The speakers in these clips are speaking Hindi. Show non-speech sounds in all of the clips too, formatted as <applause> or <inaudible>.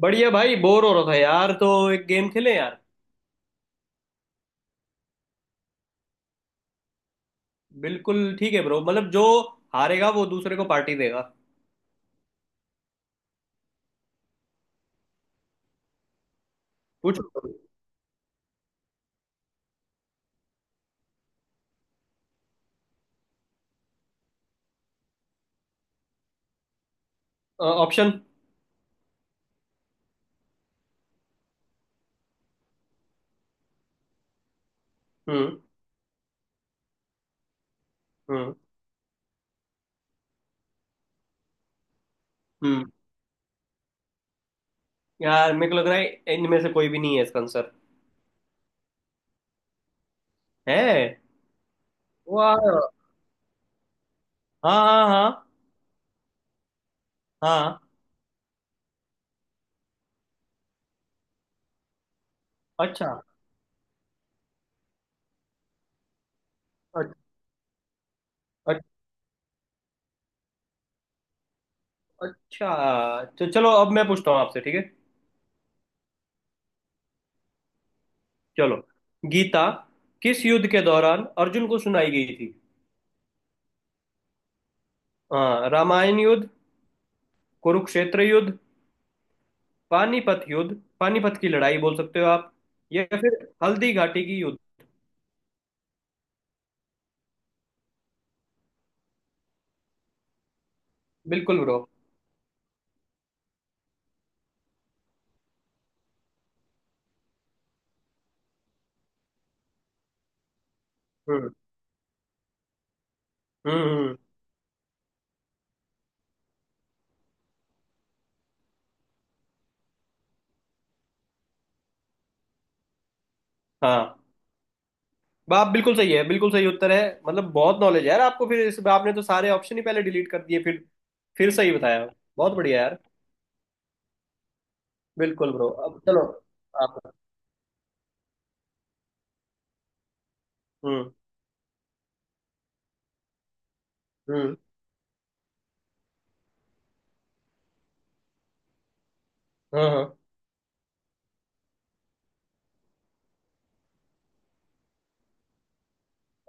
बढ़िया भाई। बोर हो रहा था यार, तो एक गेम खेलें यार। बिल्कुल ठीक है ब्रो। मतलब जो हारेगा वो दूसरे को पार्टी देगा। पूछो। ऑप्शन। हम्म। हम्म। हम्म। यार मेरे को लग रहा है इनमें से कोई भी नहीं है इसका आंसर। है। वाह। हाँ, हाँ, हाँ। हाँ। अच्छा। अच- अच- अच्छा, तो चलो अब मैं पूछता हूँ आपसे, ठीक है? चलो। गीता किस युद्ध के दौरान अर्जुन को सुनाई गई थी? हाँ, रामायण युद्ध, कुरुक्षेत्र युद्ध, पानीपत युद्ध। पानीपत की लड़ाई बोल सकते हो आप, या फिर हल्दी घाटी की युद्ध। बिल्कुल ब्रो। हम्म। हम्म। हम्म। हाँ, आप बिल्कुल सही है, बिल्कुल सही उत्तर है। मतलब बहुत नॉलेज है यार आपको। फिर इस आपने तो सारे ऑप्शन ही पहले डिलीट कर दिए, फिर सही बताया। बहुत बढ़िया यार। बिल्कुल ब्रो, अब चलो। आप। हम्म। हम्म। हाँ।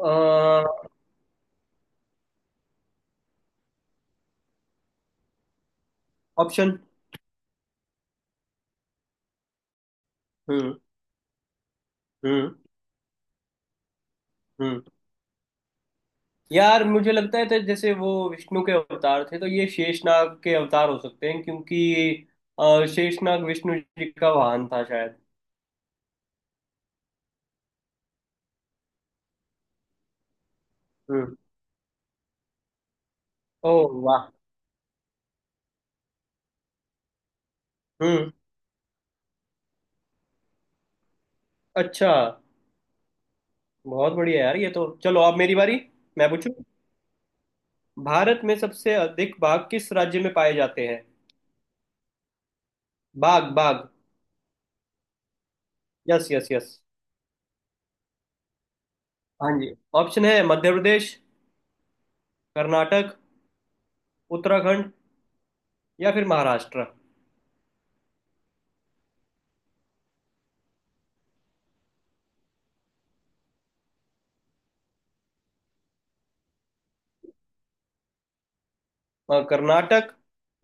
हाँ। ऑप्शन। हम्म। हम्म। हम्म। यार मुझे लगता है, तो जैसे वो विष्णु के अवतार थे तो ये शेषनाग के अवतार हो सकते हैं, क्योंकि शेषनाग विष्णु जी का वाहन था शायद। हम्म। ओह, वाह। हम्म। अच्छा। बहुत बढ़िया यार। ये तो चलो, अब मेरी बारी। मैं पूछूं। भारत में सबसे अधिक बाघ किस राज्य में पाए जाते हैं? बाघ, बाघ। Yes, yes, yes. हाँ जी। ऑप्शन है मध्य प्रदेश, कर्नाटक, उत्तराखंड, या फिर महाराष्ट्र। कर्नाटक,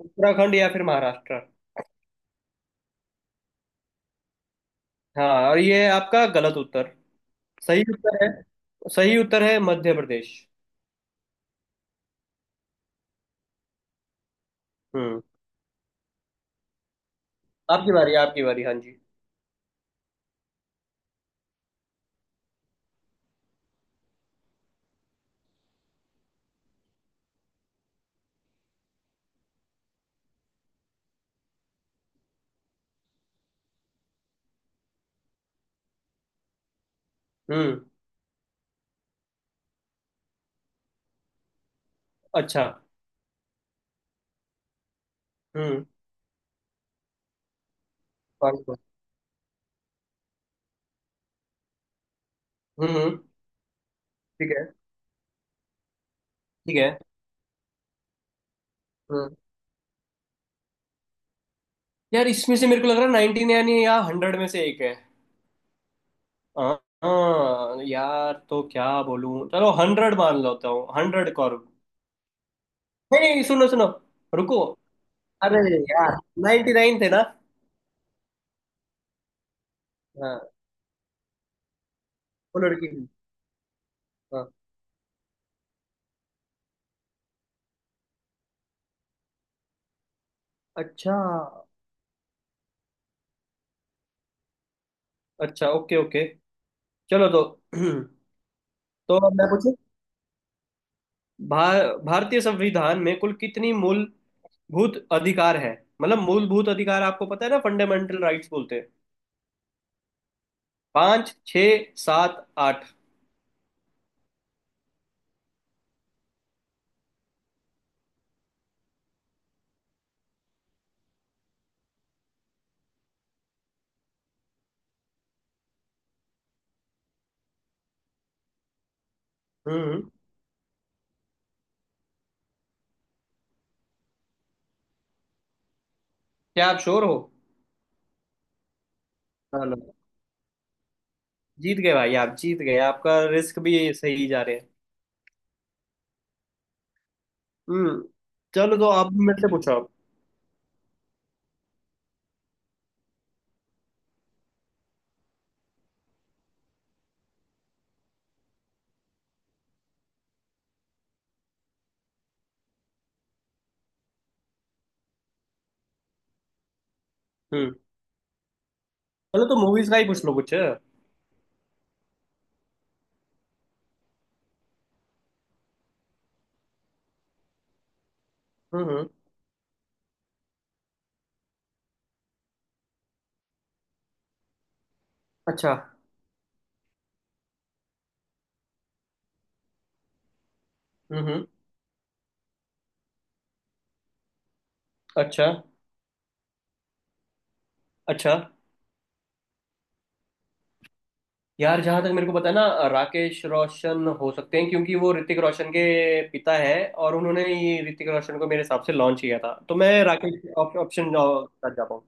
उत्तराखंड या फिर महाराष्ट्र। हाँ, और ये है आपका गलत उत्तर। सही उत्तर है। सही उत्तर है मध्य प्रदेश। हम्म। आपकी बारी, आपकी बारी। हाँ जी। हम्म। अच्छा। हम्म। 500। हम्म। हम्म। ठीक है। ठीक है। हम्म। यार इसमें से मेरे को लग रहा है 19 यानी या 100 में से एक है। हाँ। हाँ, यार तो क्या बोलूं? चलो 100 मान लेता हूँ, 100 कॉर्ब। नहीं, नहीं, सुनो सुनो, रुको। अरे यार, 99 थे ना? हाँ। वो लड़की। हाँ। अच्छा। अच्छा, ओके, ओके। चलो तो। <clears throat> तो अब मैं पूछूं। भारतीय संविधान में कुल कितनी मूलभूत अधिकार है? मतलब मूलभूत अधिकार आपको पता है ना, फंडामेंटल राइट्स बोलते हैं। पांच, छ, सात, आठ। हम्म। क्या आप श्योर हो? चलो। जीत गए भाई, आप जीत गए। आपका रिस्क भी सही जा रहे हैं। हम्म। चलो तो आप भी मेरे से पूछो। आप। हम्म। चलो तो मूवीज का ही पूछ लो कुछ। हम्म। हम्म। अच्छा। हम्म। हम्म। अच्छा। अच्छा। यार जहां तक मेरे को पता है ना, राकेश रोशन हो सकते हैं, क्योंकि वो ऋतिक रोशन के पिता है, और उन्होंने ही ऋतिक रोशन को मेरे हिसाब से लॉन्च किया था, तो मैं राकेश ऑप्शन कर जा पाऊँ।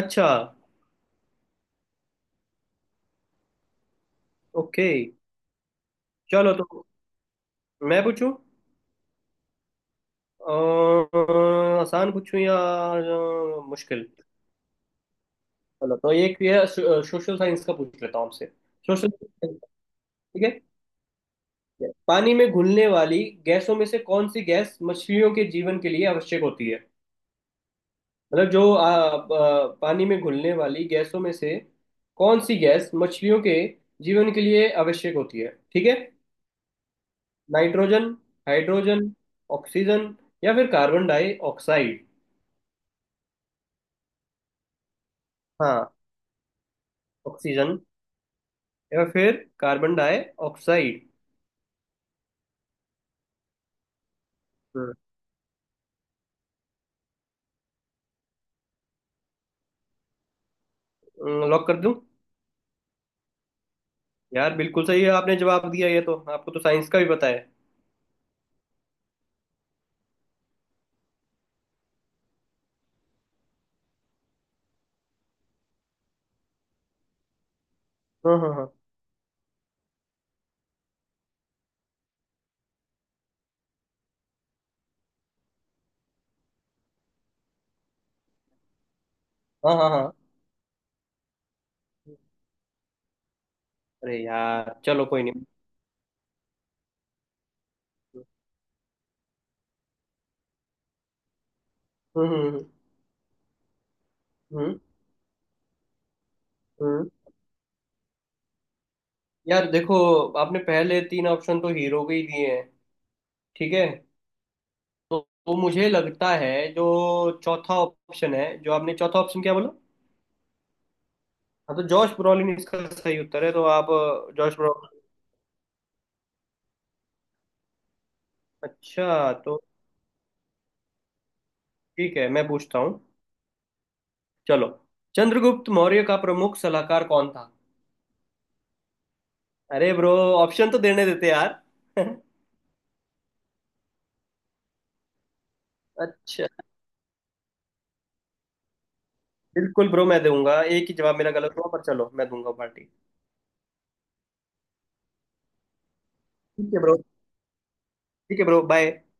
अच्छा, ओके। चलो तो मैं पूछूं। आसान पूछूं या मुश्किल? चलो तो एक ये सोशल साइंस का पूछ लेता हूँ आपसे। Social science. ठीक है। पानी में घुलने वाली गैसों में से कौन सी गैस मछलियों के जीवन के लिए आवश्यक होती है? मतलब जो आ, आ, पानी में घुलने वाली गैसों में से कौन सी गैस मछलियों के जीवन के लिए आवश्यक होती है। ठीक है। नाइट्रोजन, हाइड्रोजन, ऑक्सीजन, या फिर कार्बन डाई ऑक्साइड। हाँ। ऑक्सीजन, या फिर कार्बन डाई ऑक्साइड। हम्म, लॉक कर दूं? यार बिल्कुल सही है, आपने जवाब दिया। ये तो आपको तो साइंस का भी पता है। हाँ, हाँ, हाँ। हाँ, हाँ, हाँ। अरे यार, चलो कोई नहीं। हम्म। हम्म। हम्म। हम्म। यार देखो, आपने पहले तीन ऑप्शन तो हीरो के ही दिए हैं, ठीक है? तो, तो मुझे लगता है जो चौथा ऑप्शन है। जो आपने चौथा ऑप्शन, क्या बोला? हाँ, तो जॉश ब्रॉलिन इसका सही उत्तर है, तो आप जॉश ब्रॉलिन। अच्छा तो ठीक है, मैं पूछता हूँ। चलो। चंद्रगुप्त मौर्य का प्रमुख सलाहकार कौन था? अरे ब्रो, ऑप्शन तो देने देते यार। <laughs> अच्छा, बिल्कुल ब्रो, मैं दूंगा। एक ही जवाब मेरा गलत हुआ, पर चलो मैं दूंगा पार्टी। ठीक है ब्रो। ठीक है ब्रो, बाय।